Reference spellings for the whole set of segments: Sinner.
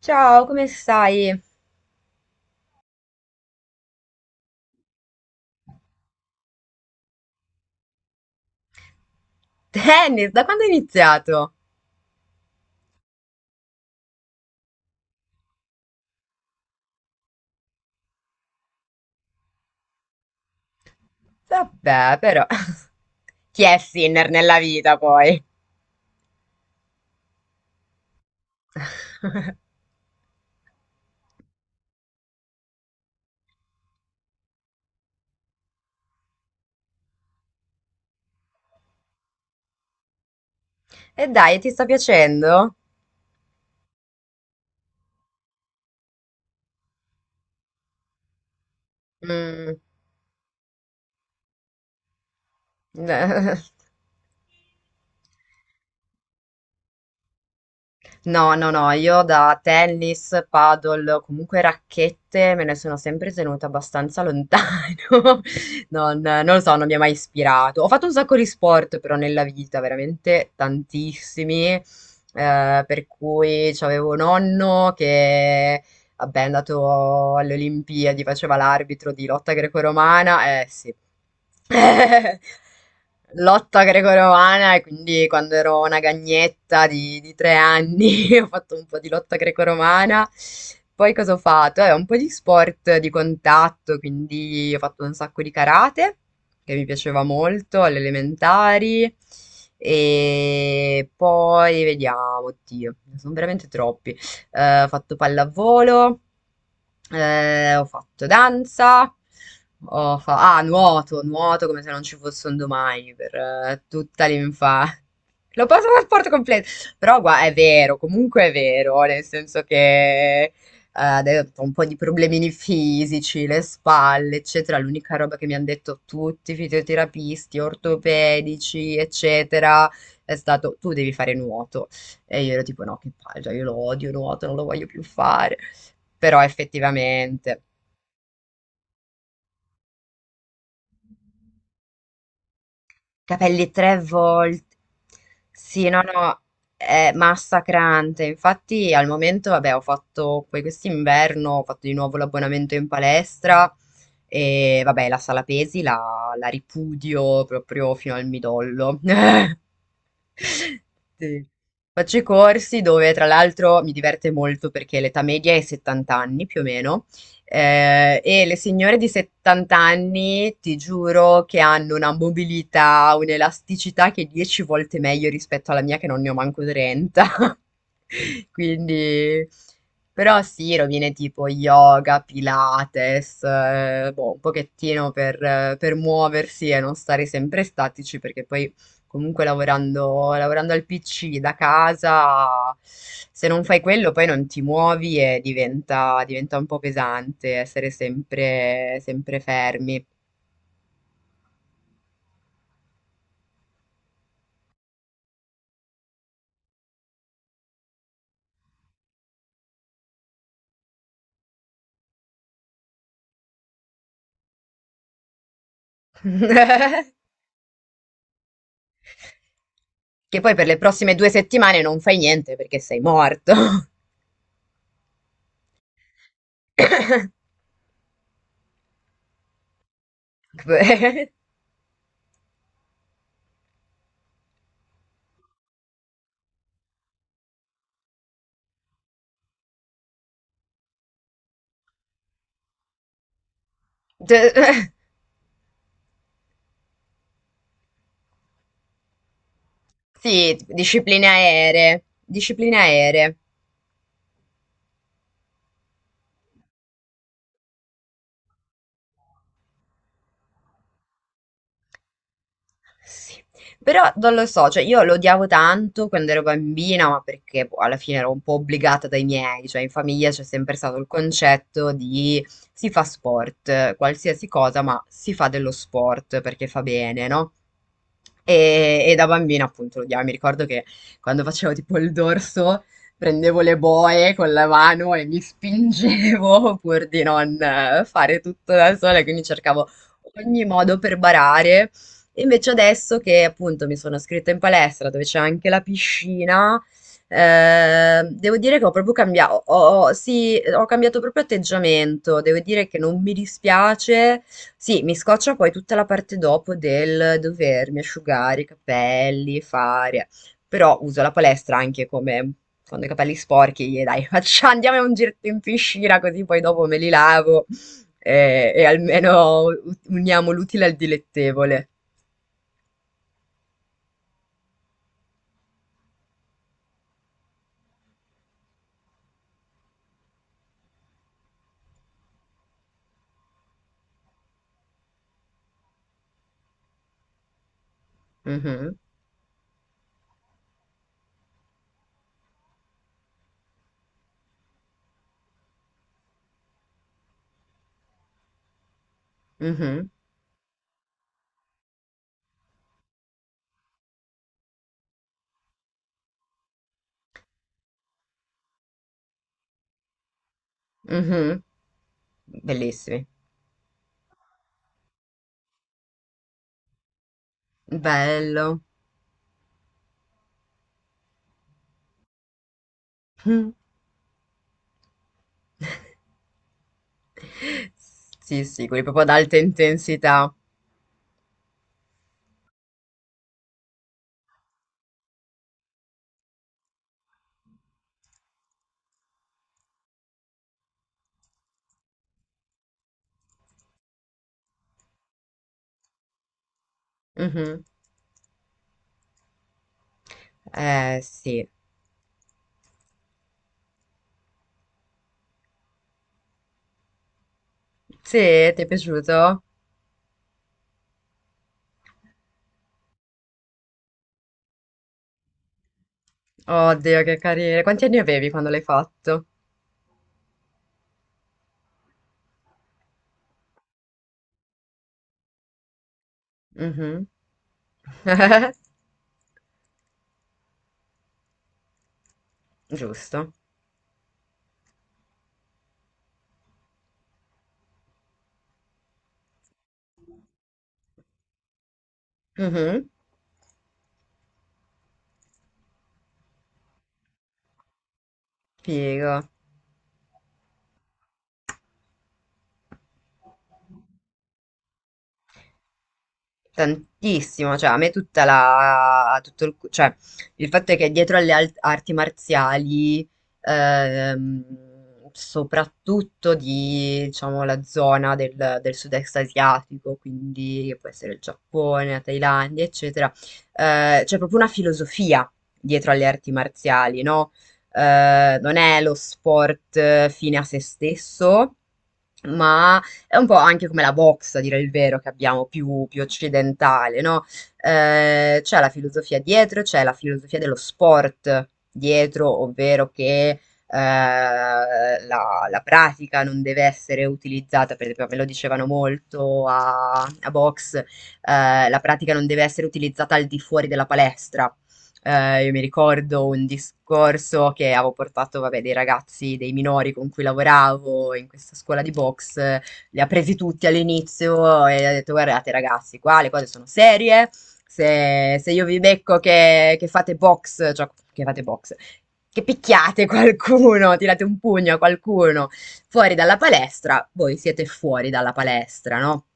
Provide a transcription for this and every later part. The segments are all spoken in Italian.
Ciao, come stai? Tennis, da quando hai iniziato? Vabbè, però, chi è Sinner nella vita poi? E dai, ti sta piacendo? Mm, No, no, no, io da tennis, paddle, comunque racchette me ne sono sempre tenuta abbastanza lontano. Non lo so, non mi ha mai ispirato. Ho fatto un sacco di sport però nella vita, veramente tantissimi. Per cui c'avevo un nonno che vabbè, è andato alle Olimpiadi, faceva l'arbitro di lotta greco-romana, eh sì. Lotta greco-romana e quindi quando ero una gagnetta di 3 anni ho fatto un po' di lotta greco-romana. Poi cosa ho fatto? Un po' di sport di contatto, quindi ho fatto un sacco di karate, che mi piaceva molto, alle elementari. E poi vediamo, oddio, ne sono veramente troppi. Ho fatto pallavolo, ho fatto danza, ah, nuoto, nuoto come se non ci fosse un domani per tutta l'infanzia. L'ho passato al sport completo, però è vero, comunque è vero, nel senso che adesso ho un po' di problemini fisici, le spalle, eccetera. L'unica roba che mi hanno detto tutti i fisioterapisti, ortopedici, eccetera, è stato tu devi fare nuoto. E io ero tipo, no, che palle, cioè, io lo odio, nuoto, non lo voglio più fare. Però effettivamente, capelli tre volte. Sì, no, no, è massacrante. Infatti al momento, vabbè, ho fatto poi quest'inverno, ho fatto di nuovo l'abbonamento in palestra e vabbè, la sala pesi la ripudio proprio fino al midollo. Sì. Faccio i corsi dove tra l'altro mi diverte molto perché l'età media è 70 anni più o meno. E le signore di 70 anni, ti giuro che hanno una mobilità, un'elasticità che è 10 volte meglio rispetto alla mia, che non ne ho manco 30. Quindi, però sì, rovine tipo yoga, pilates, boh, un pochettino per muoversi e non stare sempre statici, perché poi comunque lavorando al PC da casa, se non fai quello poi non ti muovi e diventa un po' pesante essere sempre, sempre fermi. Che poi per le prossime 2 settimane non fai niente perché sei morto. Cioè, Sì, discipline aeree, discipline aeree. Sì, però non lo so, cioè io lo odiavo tanto quando ero bambina, ma perché boh, alla fine ero un po' obbligata dai miei, cioè in famiglia c'è sempre stato il concetto di si fa sport, qualsiasi cosa, ma si fa dello sport perché fa bene, no? E da bambina appunto lo odiavo, mi ricordo che quando facevo tipo il dorso prendevo le boe con la mano e mi spingevo pur di non fare tutto da sola, quindi cercavo ogni modo per barare e invece adesso che appunto mi sono iscritta in palestra dove c'è anche la piscina, devo dire che ho proprio cambiato, sì, ho cambiato proprio atteggiamento, devo dire che non mi dispiace, sì, mi scoccia poi tutta la parte dopo del dovermi asciugare i capelli, fare, però uso la palestra anche come quando ho i capelli sporchi, gli dai, faccia, andiamo a un giretto in piscina così poi dopo me li lavo e almeno uniamo l'utile al dilettevole. Mhm, mhm, mhm. Bellissimi. Bello. Sì, sì, quelli proprio ad alta intensità. Mhm. Sì. Sì, ti è piaciuto? Oddio, che carino. Quanti anni avevi quando l'hai fatto? Mhm. Giusto. Mhm. Figo. Tantissimo, cioè a me tutta la, tutto il, cioè, il fatto è che dietro alle arti marziali, ehm, soprattutto di, diciamo, la zona del sud-est asiatico, quindi che può essere il Giappone, la Thailandia, eccetera, c'è proprio una filosofia dietro alle arti marziali, no? Non è lo sport fine a se stesso, ma è un po' anche come la box, a dire il vero, che abbiamo più, più occidentale, no? C'è la filosofia dietro, c'è la filosofia dello sport dietro, ovvero che la, la pratica non deve essere utilizzata, per esempio, me lo dicevano molto a box, la pratica non deve essere utilizzata al di fuori della palestra. Io mi ricordo un discorso che avevo portato, vabbè, dei ragazzi, dei minori con cui lavoravo in questa scuola di box, li ha presi tutti all'inizio e ha detto guardate ragazzi, qua le cose sono serie, se io vi becco che, fate box, cioè che fate box, che picchiate qualcuno, tirate un pugno a qualcuno fuori dalla palestra, voi siete fuori dalla palestra, no?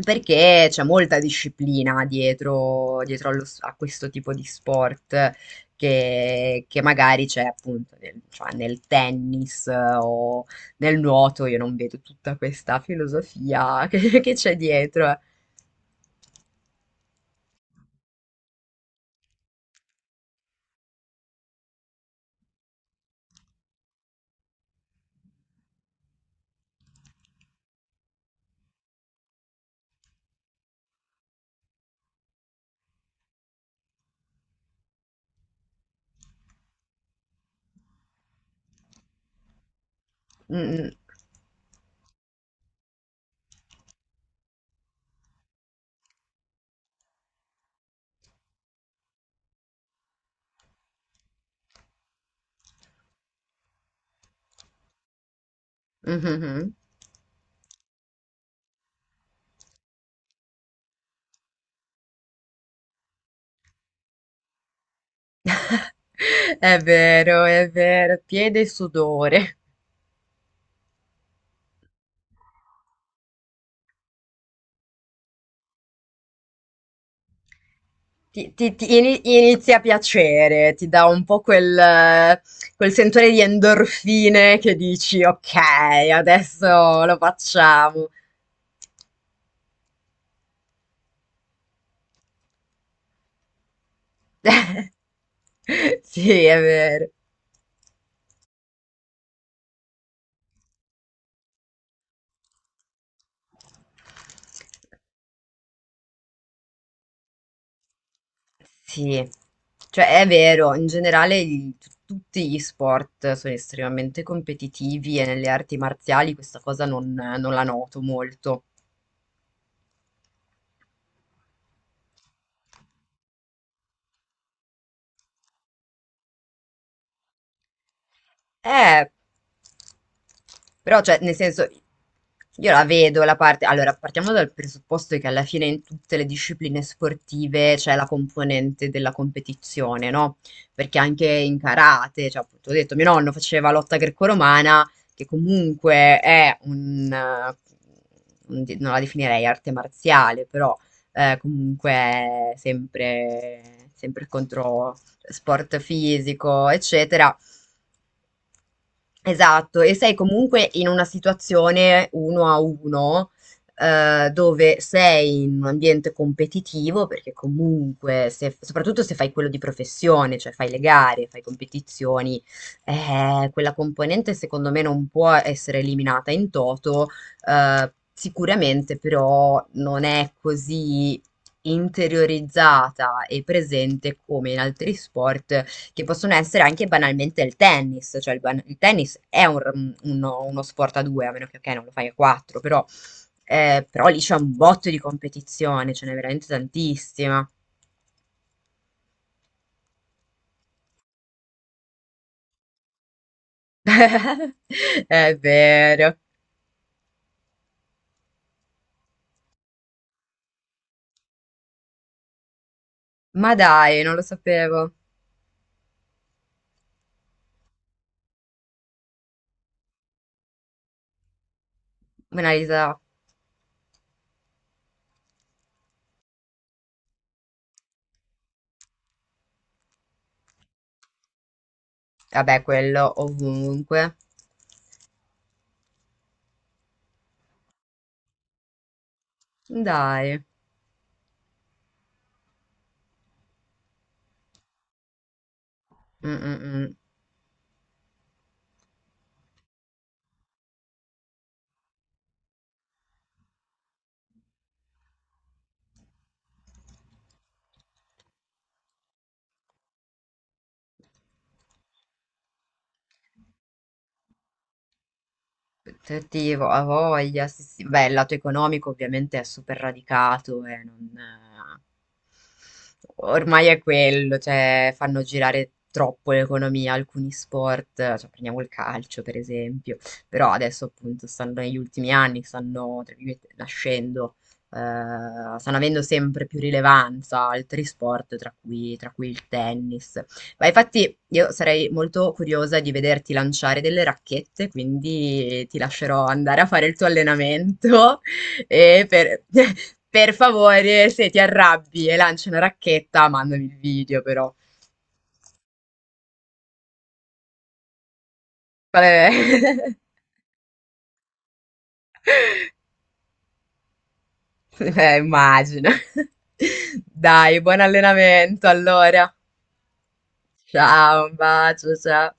Perché c'è molta disciplina dietro a questo tipo di sport che magari c'è appunto cioè nel tennis o, nel nuoto io non vedo tutta questa filosofia che c'è dietro. Mm, mm, mhm, mhm. È vero, è vero. Piede e sudore. Inizia a piacere, ti dà un po' quel sentore di endorfine che dici, ok, adesso lo facciamo. Sì, è vero. Sì, cioè è vero, in generale tutti gli sport sono estremamente competitivi e nelle arti marziali questa cosa non la noto molto. Eh, Però, cioè, nel senso, io la vedo la parte. Allora, partiamo dal presupposto che alla fine in tutte le discipline sportive c'è la componente della competizione, no? Perché anche in karate, cioè, appunto, ho detto, mio nonno faceva lotta greco-romana, che comunque è un, non la definirei arte marziale, però comunque è sempre, sempre contro sport fisico, eccetera. Esatto, e sei comunque in una situazione uno a uno, dove sei in un ambiente competitivo, perché comunque, soprattutto se fai quello di professione, cioè fai le gare, fai competizioni, quella componente secondo me non può essere eliminata in toto, sicuramente però non è così interiorizzata e presente come in altri sport che possono essere anche banalmente il tennis, cioè il tennis è uno sport a due, a meno che ok, non lo fai a quattro, però lì c'è un botto di competizione, ce n'è veramente tantissima. È vero. Ma dai, non lo sapevo. Monalisa, vabbè, quello ovunque. Dai. Mm, mm, mm. Protettivo, a voglia, sì, sì. Beh, il lato economico ovviamente è super radicato e non, ormai è quello, cioè fanno girare troppo l'economia alcuni sport, cioè prendiamo il calcio per esempio, però adesso appunto stanno negli ultimi anni, stanno tra virgolette, nascendo, stanno avendo sempre più rilevanza altri sport, tra cui il tennis, ma infatti io sarei molto curiosa di vederti lanciare delle racchette, quindi ti lascerò andare a fare il tuo allenamento e per, per favore, se ti arrabbi e lanci una racchetta, mandami il video però. Vabbè, immagino. Dai, buon allenamento allora. Ciao, un bacio, ciao.